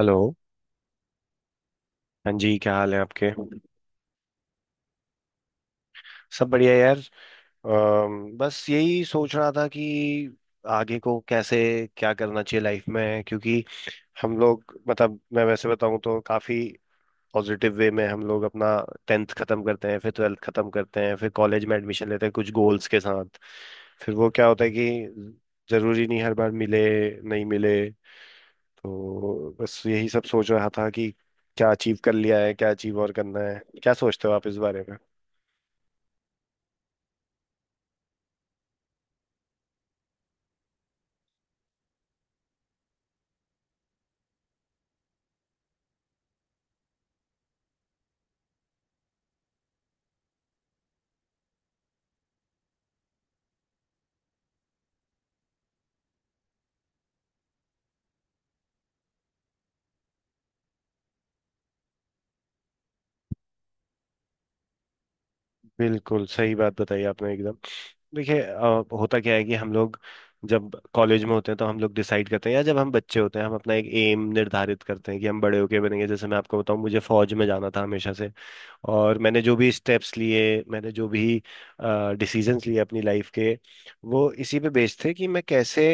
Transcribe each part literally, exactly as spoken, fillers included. Hello. हाँ जी, क्या हाल है आपके? सब बढ़िया, यार। अम, बस यही सोच रहा था कि आगे को कैसे क्या करना चाहिए लाइफ में, क्योंकि हम लोग मतलब, मैं वैसे बताऊं तो काफी पॉजिटिव वे में हम लोग अपना टेंथ खत्म करते हैं, फिर ट्वेल्थ खत्म करते हैं, फिर कॉलेज में एडमिशन लेते हैं कुछ गोल्स के साथ। फिर वो क्या होता है कि जरूरी नहीं हर बार मिले, नहीं मिले। तो बस यही सब सोच रहा था कि क्या अचीव कर लिया है, क्या अचीव और करना है, क्या सोचते हो आप इस बारे में? बिल्कुल सही बात बताई आपने एकदम। देखिए अ, होता क्या है कि हम लोग जब कॉलेज में होते हैं तो हम लोग डिसाइड करते हैं, या जब हम बच्चे होते हैं हम अपना एक एम निर्धारित करते हैं कि हम बड़े होके बनेंगे। जैसे मैं आपको बताऊं, मुझे फौज में जाना था हमेशा से, और मैंने जो भी स्टेप्स लिए, मैंने जो भी डिसीजंस लिए अपनी लाइफ के, वो इसी पे बेस्ड थे कि मैं कैसे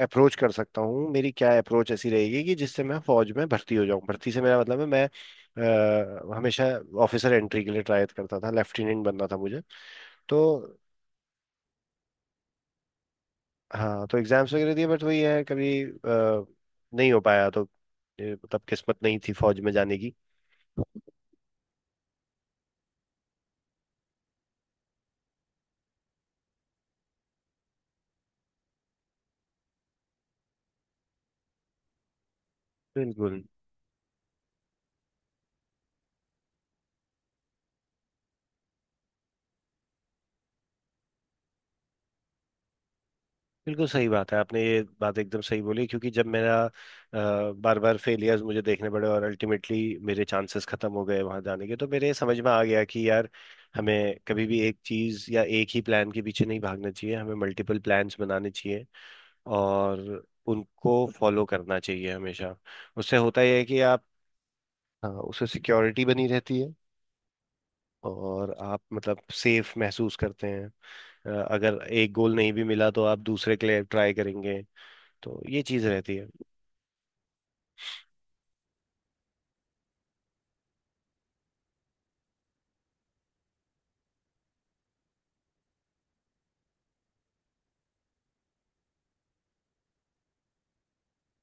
अप्रोच कर सकता हूँ, मेरी क्या अप्रोच ऐसी रहेगी कि जिससे मैं फौज में भर्ती हो जाऊँ। भर्ती से मेरा मतलब है मैं अ, हमेशा ऑफिसर एंट्री के लिए ट्राई करता था, लेफ्टिनेंट बनना था मुझे। तो हाँ, तो एग्जाम्स वगैरह दिए, बट वही है कभी अ, नहीं हो पाया। तो ये मतलब किस्मत नहीं थी फौज में जाने की। बिल्कुल। बिल्कुल सही बात है, आपने ये बात एकदम सही बोली, क्योंकि जब मेरा बार बार फेलियर्स मुझे देखने पड़े और अल्टीमेटली मेरे चांसेस खत्म हो गए वहां जाने के, तो मेरे समझ में आ गया कि यार, हमें कभी भी एक चीज या एक ही प्लान के पीछे नहीं भागना चाहिए, हमें मल्टीपल प्लान्स बनाने चाहिए और उनको फॉलो करना चाहिए हमेशा। उससे होता यह है कि आप, हाँ, उससे सिक्योरिटी बनी रहती है और आप मतलब सेफ महसूस करते हैं। अ, अगर एक गोल नहीं भी मिला तो आप दूसरे के लिए ट्राई करेंगे, तो ये चीज रहती है।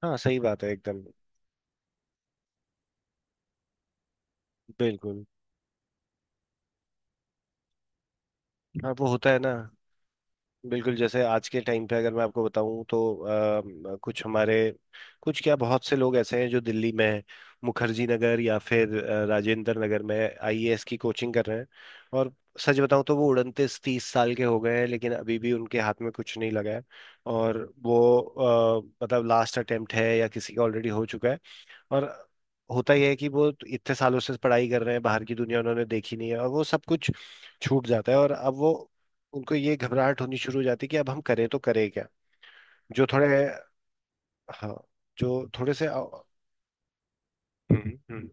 हाँ, सही बात है एकदम। बिल्कुल। हाँ, वो होता है ना। बिल्कुल, जैसे आज के टाइम पे अगर मैं आपको बताऊं तो अ, कुछ हमारे कुछ क्या, बहुत से लोग ऐसे हैं जो दिल्ली में हैं, मुखर्जी नगर या फिर अ, राजेंद्र नगर में आई ए एस की कोचिंग कर रहे हैं। और सच बताऊं तो वो उनतीस तीस साल के हो गए हैं, लेकिन अभी भी उनके हाथ में कुछ नहीं लगा है। और वो अ, मतलब लास्ट अटेम्प्ट है या किसी का ऑलरेडी हो चुका है। और होता ही है कि वो इतने सालों से पढ़ाई कर रहे हैं, बाहर की दुनिया उन्होंने देखी नहीं है, और वो सब कुछ छूट जाता है। और अब वो उनको ये घबराहट होनी शुरू हो जाती है कि अब हम करें तो करें क्या। जो थोड़े हाँ। जो थोड़े से। हम्म। हम्म।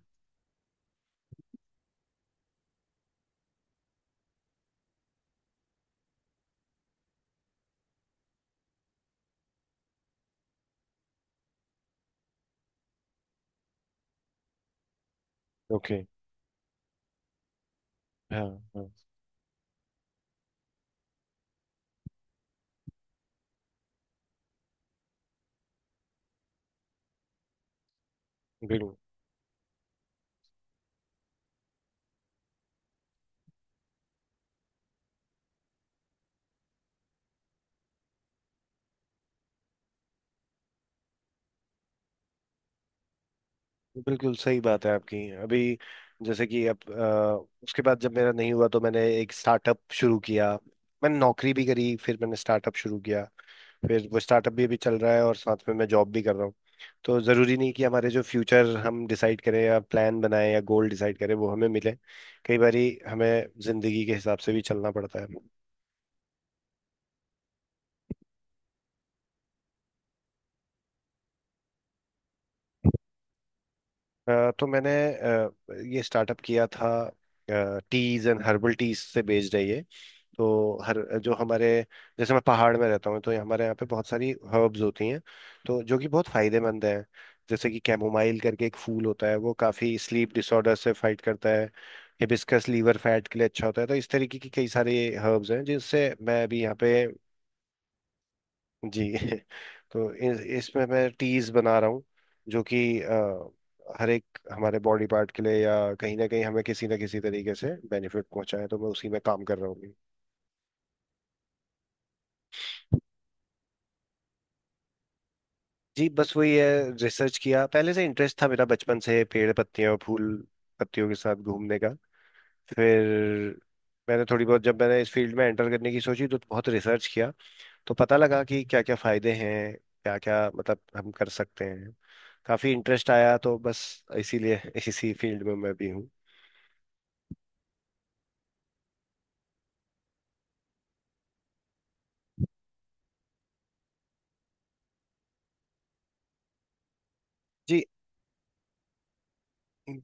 ओके। हाँ। हाँ। बिल्कुल। बिल्कुल सही बात है आपकी, अभी। जैसे कि अब, अ, उसके बाद जब मेरा नहीं हुआ तो मैंने एक स्टार्टअप शुरू किया। मैंने नौकरी भी करी, फिर मैंने स्टार्टअप शुरू किया। फिर वो स्टार्टअप भी अभी चल रहा है और साथ में मैं जॉब भी कर रहा हूँ। तो ज़रूरी नहीं कि हमारे जो फ्यूचर हम डिसाइड करें या प्लान बनाएं या गोल डिसाइड करें वो हमें मिले। कई बारी हमें ज़िंदगी के हिसाब से भी चलना पड़ता है। अ, तो मैंने अ, ये स्टार्टअप किया था। टीज एंड हर्बल टीज से बेस्ड है ये। तो हर जो हमारे, जैसे मैं पहाड़ में रहता हूँ तो हमारे यहाँ पे बहुत सारी हर्ब्स होती हैं, तो जो कि बहुत फायदेमंद हैं। जैसे कि कैमोमाइल करके एक फूल होता है, वो काफ़ी स्लीप डिसऑर्डर से फाइट करता है। हिबिस्कस लीवर फैट के लिए अच्छा होता है, तो इस तरीके की कई सारे हर्ब्स हैं जिससे मैं अभी यहाँ पे, जी तो इस- इसमें मैं टीज बना रहा हूँ। जो कि अ, हर एक हमारे बॉडी पार्ट के लिए या कहीं ना कहीं हमें किसी ना किसी तरीके से बेनिफिट पहुंचाए, तो मैं उसी में काम कर रहा हूँ। जी, बस वही है। रिसर्च किया, पहले से इंटरेस्ट था मेरा बचपन से, पेड़ पत्तियां और फूल पत्तियों के साथ घूमने का। फिर मैंने थोड़ी बहुत, जब मैंने इस फील्ड में एंटर करने की सोची तो बहुत रिसर्च किया, तो पता लगा कि क्या क्या फायदे हैं, क्या क्या मतलब हम कर सकते हैं। काफी इंटरेस्ट आया तो बस, इसीलिए इसी फील्ड में मैं भी हूँ। जी।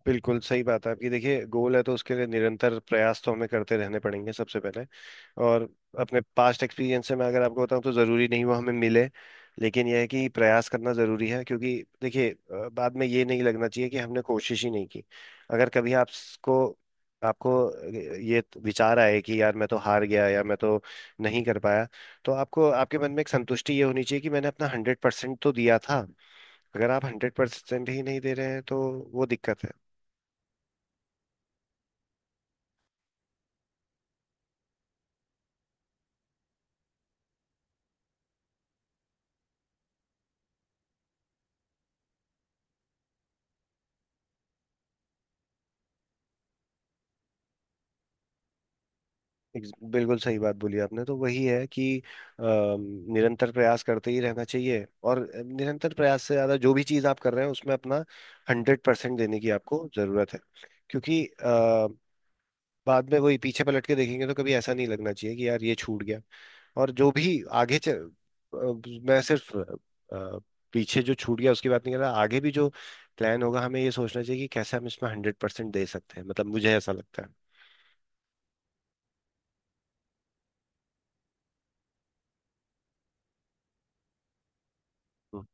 बिल्कुल सही बात है आपकी। देखिए, गोल है तो उसके लिए निरंतर प्रयास तो हमें करते रहने पड़ेंगे, सबसे पहले। और अपने पास्ट एक्सपीरियंस से मैं अगर आपको बताऊं तो ज़रूरी नहीं वो हमें मिले, लेकिन यह है कि प्रयास करना ज़रूरी है। क्योंकि देखिए अ, बाद में ये नहीं लगना चाहिए कि हमने कोशिश ही नहीं की। अगर कभी आपको आपको ये विचार आए कि यार मैं तो हार गया या मैं तो नहीं कर पाया, तो आपको आपके मन में एक संतुष्टि ये होनी चाहिए कि मैंने अपना हंड्रेड परसेंट तो दिया था। अगर आप हंड्रेड परसेंट ही नहीं दे रहे हैं तो वो दिक्कत है। ex- बिल्कुल सही बात बोली आपने। तो वही है कि अ, निरंतर प्रयास करते ही रहना चाहिए। और निरंतर प्रयास से ज्यादा जो भी चीज आप कर रहे हैं उसमें अपना हंड्रेड परसेंट देने की आपको जरूरत है। क्योंकि आ, बाद में वही पीछे पलट के देखेंगे तो कभी ऐसा नहीं लगना चाहिए कि यार ये छूट गया। और जो भी आगे च, अ, मैं सिर्फ अ, पीछे जो छूट गया उसकी बात नहीं कर रहा, आगे भी जो प्लान होगा हमें ये सोचना चाहिए कि कैसे हम इसमें हंड्रेड परसेंट दे सकते हैं, मतलब मुझे ऐसा लगता है। हम्म।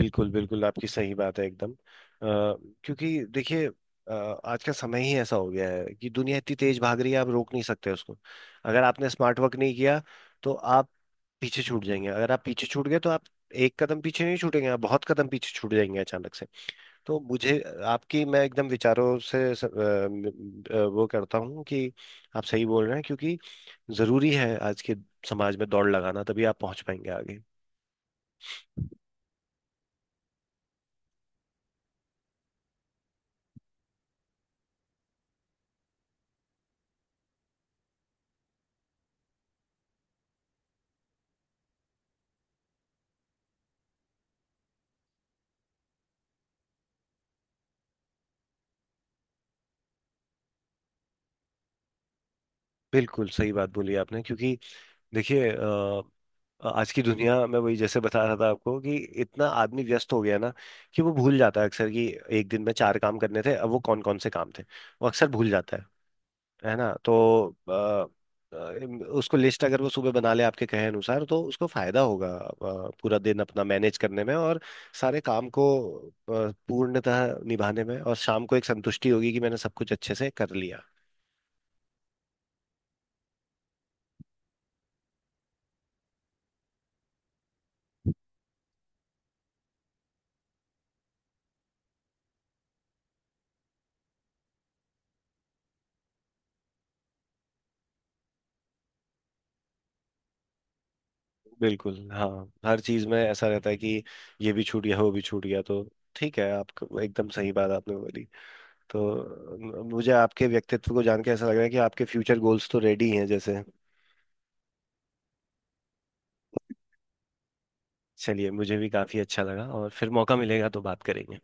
बिल्कुल बिल्कुल, आपकी सही बात है एकदम। अ, क्योंकि देखिए अ, आज का समय ही ऐसा हो गया है कि दुनिया इतनी तेज भाग रही है, आप रोक नहीं सकते उसको। अगर आपने स्मार्ट वर्क नहीं किया तो आप पीछे छूट जाएंगे। अगर आप पीछे छूट गए तो आप एक कदम पीछे नहीं छूटेंगे, आप बहुत कदम पीछे छूट जाएंगे अचानक से। तो मुझे आपकी मैं एकदम विचारों से स- अ, म- अ, वो करता हूँ कि आप सही बोल रहे हैं। क्योंकि जरूरी है आज के समाज में दौड़ लगाना, तभी आप पहुंच पाएंगे आगे। बिल्कुल सही बात बोली आपने। क्योंकि देखिए अ, आज की दुनिया में वही, जैसे बता रहा था आपको कि इतना आदमी व्यस्त हो गया ना कि वो भूल जाता है अक्सर कि एक दिन में चार काम करने थे, अब वो कौन कौन से काम थे वो अक्सर भूल जाता है। है ना? तो अ, अ, इम- उसको लिस्ट अगर वो सुबह बना ले आपके कहे अनुसार तो उसको फायदा होगा अ, पूरा दिन अपना मैनेज करने में और सारे काम को अ, पूर्णतः निभाने में, और शाम को एक संतुष्टि होगी कि मैंने सब कुछ अच्छे से कर लिया। बिल्कुल, हाँ, हर चीज में ऐसा रहता है कि ये भी छूट गया वो भी छूट गया। तो ठीक है आप, एकदम सही बात आपने बोली। तो अ, मुझे आपके व्यक्तित्व को जान के ऐसा लग रहा है कि आपके फ्यूचर गोल्स तो रेडी हैं जैसे। चलिए, मुझे भी काफी अच्छा लगा, और फिर मौका मिलेगा तो बात करेंगे।